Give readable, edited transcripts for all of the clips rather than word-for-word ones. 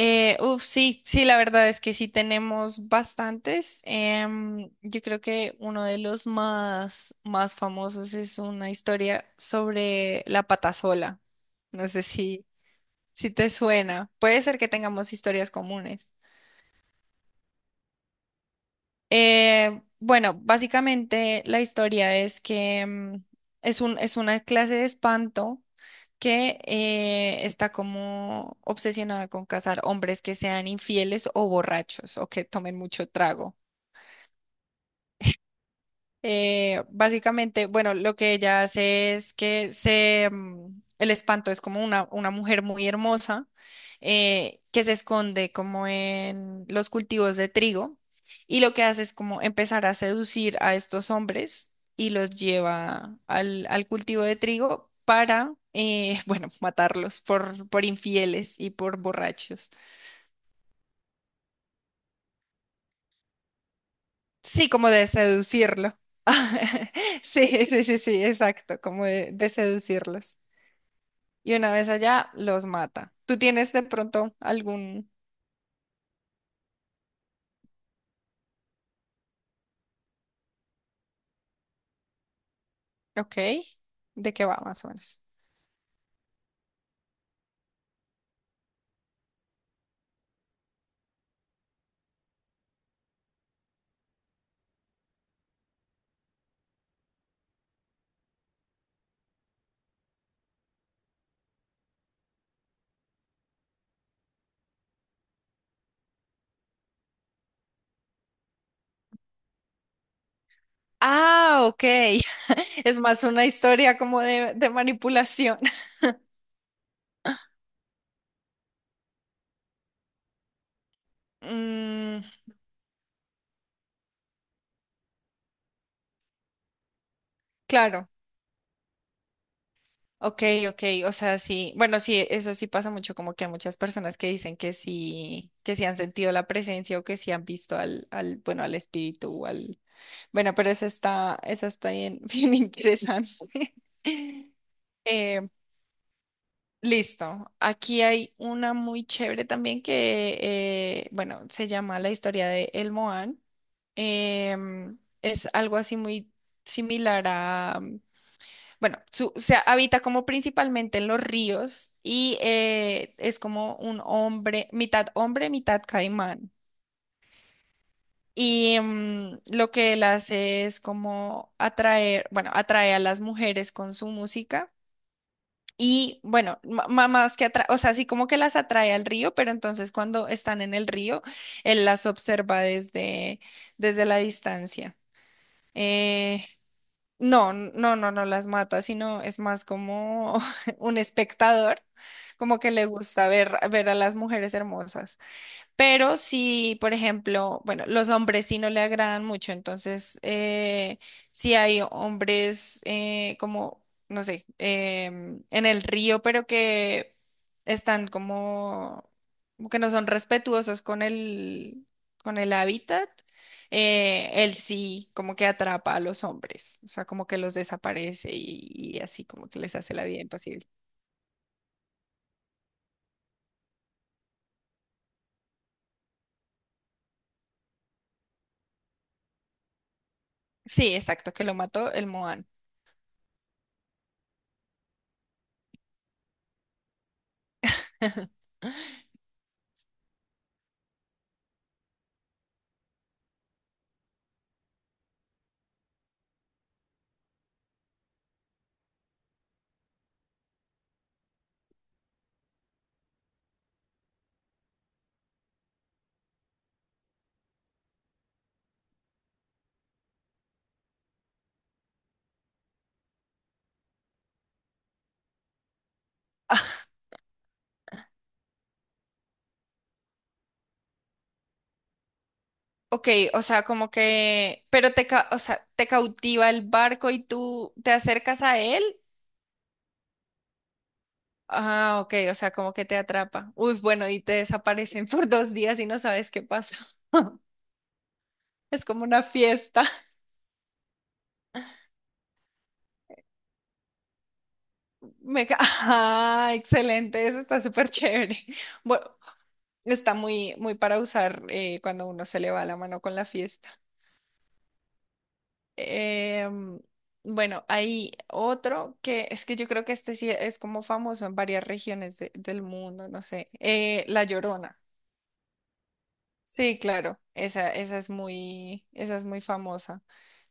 Sí, la verdad es que sí tenemos bastantes. Yo creo que uno de los más famosos es una historia sobre la patasola. No sé si, si te suena. Puede ser que tengamos historias comunes. Bueno, básicamente la historia es que es una clase de espanto que está como obsesionada con casar hombres que sean infieles o borrachos o que tomen mucho trago. Básicamente, bueno, lo que ella hace es que el espanto es como una mujer muy hermosa que se esconde como en los cultivos de trigo y lo que hace es como empezar a seducir a estos hombres y los lleva al cultivo de trigo para, bueno, matarlos por infieles y por borrachos. Sí, como de seducirlo. Sí, sí, sí, sí, exacto, como de seducirlos. Y una vez allá, los mata. ¿Tú tienes de pronto algún... Ok. ¿De qué va más o menos? Ah, ok. Es más una historia como de manipulación. Mm, claro. Ok, ok. O sea, sí. Bueno, sí, eso sí pasa mucho, como que hay muchas personas que dicen que sí han sentido la presencia o que sí han visto bueno, al espíritu o al... Bueno, pero esa está bien, bien interesante. Em, listo. Aquí hay una muy chévere también que, bueno, se llama La historia de El Moán. Em, es algo así muy similar a, bueno, se habita como principalmente en los ríos y es como un hombre, mitad caimán. Y lo que él hace es como atraer, bueno, atrae a las mujeres con su música. Y bueno, más que atrae, o sea, sí como que las atrae al río, pero entonces cuando están en el río, él las observa desde la distancia. Eh, no, no, no, no las mata, sino es más como un espectador, como que le gusta ver a las mujeres hermosas. Pero si, por ejemplo, bueno, los hombres sí no le agradan mucho, entonces si hay hombres no sé, en el río, pero que están como que no son respetuosos con con el hábitat, él sí como que atrapa a los hombres, o sea, como que los desaparece y así como que les hace la vida imposible. Sí, exacto, que lo mató el Moan. Ok, o sea, como que, pero o sea, te cautiva el barco y tú te acercas a él. Ah, ok, o sea, como que te atrapa. Uy, bueno, y te desaparecen por dos días y no sabes qué pasó. Es como una fiesta. Ajá, excelente, eso está súper chévere. Bueno, está muy para usar cuando uno se le va la mano con la fiesta. Em, bueno, hay otro que es que yo creo que este sí es como famoso en varias regiones del mundo, no sé. La Llorona. Sí, claro, esa es muy famosa.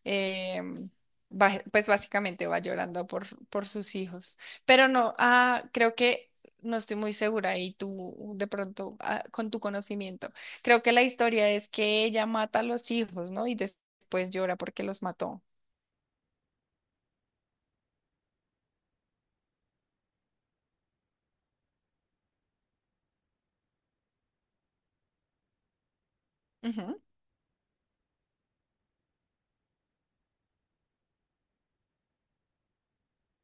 Em, pues básicamente va llorando por sus hijos. Pero no, ah, creo que no estoy muy segura y tú de pronto, ah, con tu conocimiento, creo que la historia es que ella mata a los hijos, ¿no? Y después llora porque los mató. Ujú.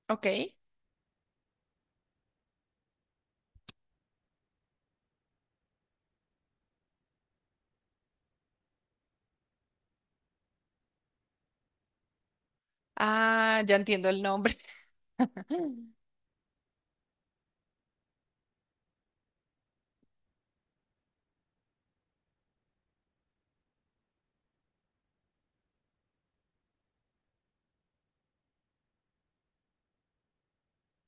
Ok. Ah, ya entiendo el nombre.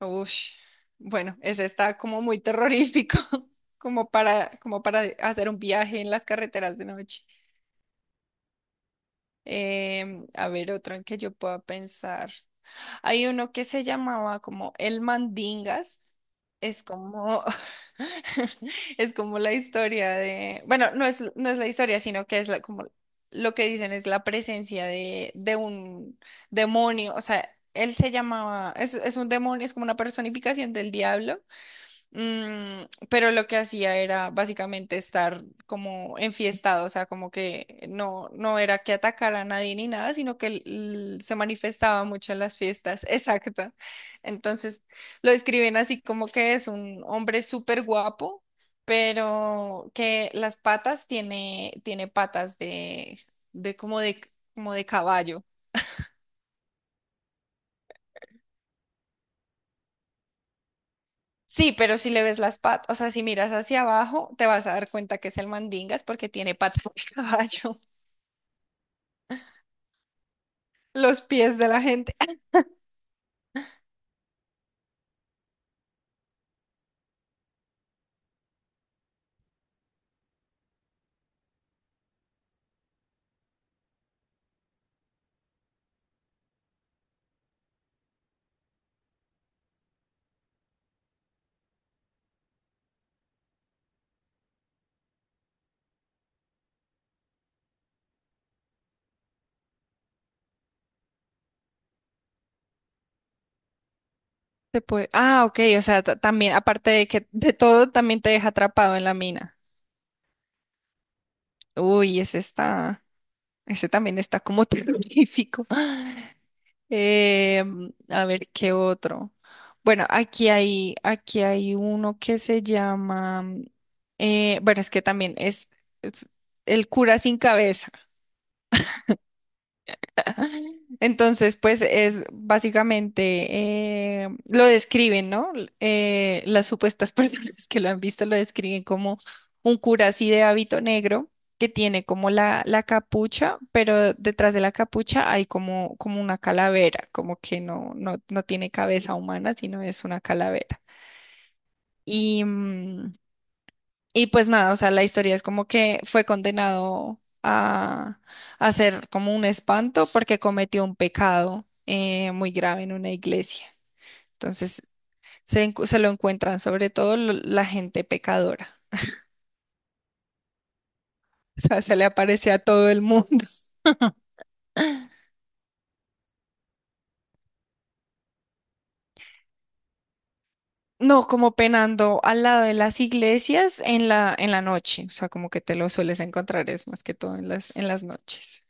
Ush. Bueno, ese está como muy terrorífico, como para, como para hacer un viaje en las carreteras de noche. A ver, otro en que yo pueda pensar. Hay uno que se llamaba como El Mandingas. Es como, es como la historia de, bueno, no es la historia, sino que es como lo que dicen es la presencia de un demonio. O sea, él se llamaba, es un demonio, es como una personificación del diablo. Pero lo que hacía era básicamente estar como enfiestado, o sea, como que no, no era que atacara a nadie ni nada, sino que él se manifestaba mucho en las fiestas, exacto. Entonces lo describen así como que es un hombre súper guapo, pero que tiene patas de como de, como de caballo. Sí, pero si le ves las patas, o sea, si miras hacia abajo, te vas a dar cuenta que es el mandingas porque tiene patas de caballo. Los pies de la gente. Ah, ah, ok, o sea, también, aparte de que de todo, también te deja atrapado en la mina. Uy, ese está, ese también está como terrorífico. A ver, ¿qué otro? Bueno, aquí hay uno que se llama, bueno, es que también es el cura sin cabeza. Entonces, pues es básicamente, lo describen, ¿no? Las supuestas personas que lo han visto lo describen como un cura así de hábito negro que tiene como la capucha, pero detrás de la capucha hay como una calavera, como que no tiene cabeza humana, sino es una calavera. Y, y pues nada, o sea, la historia es como que fue condenado a ser como un espanto porque cometió un pecado muy grave en una iglesia. Entonces se lo encuentran sobre todo la gente pecadora. O sea, se le aparece a todo el mundo. No, como penando al lado de las iglesias en en la noche. O sea, como que te lo sueles encontrar, es más que todo en en las noches.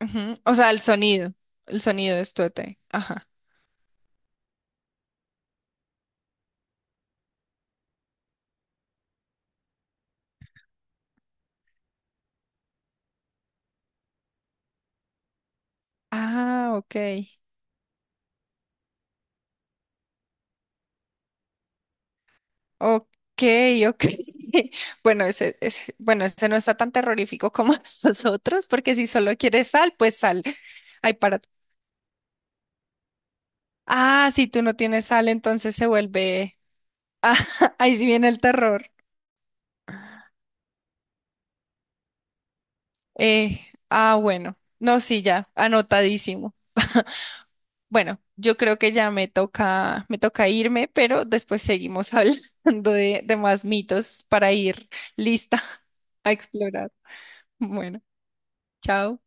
Ujú. O sea, el sonido. El sonido es tuete. Ajá. Ah, ok. Ok, ok. Bueno, bueno, ese no está tan terrorífico como los otros, porque si solo quieres sal, pues sal. Ay, para. Ah, si tú no tienes sal, entonces se vuelve. Ah, ahí sí viene el terror. Eh, ah, bueno. No, sí, ya, anotadísimo. Bueno, yo creo que ya me toca irme, pero después seguimos hablando de más mitos para ir lista a explorar. Bueno, chao.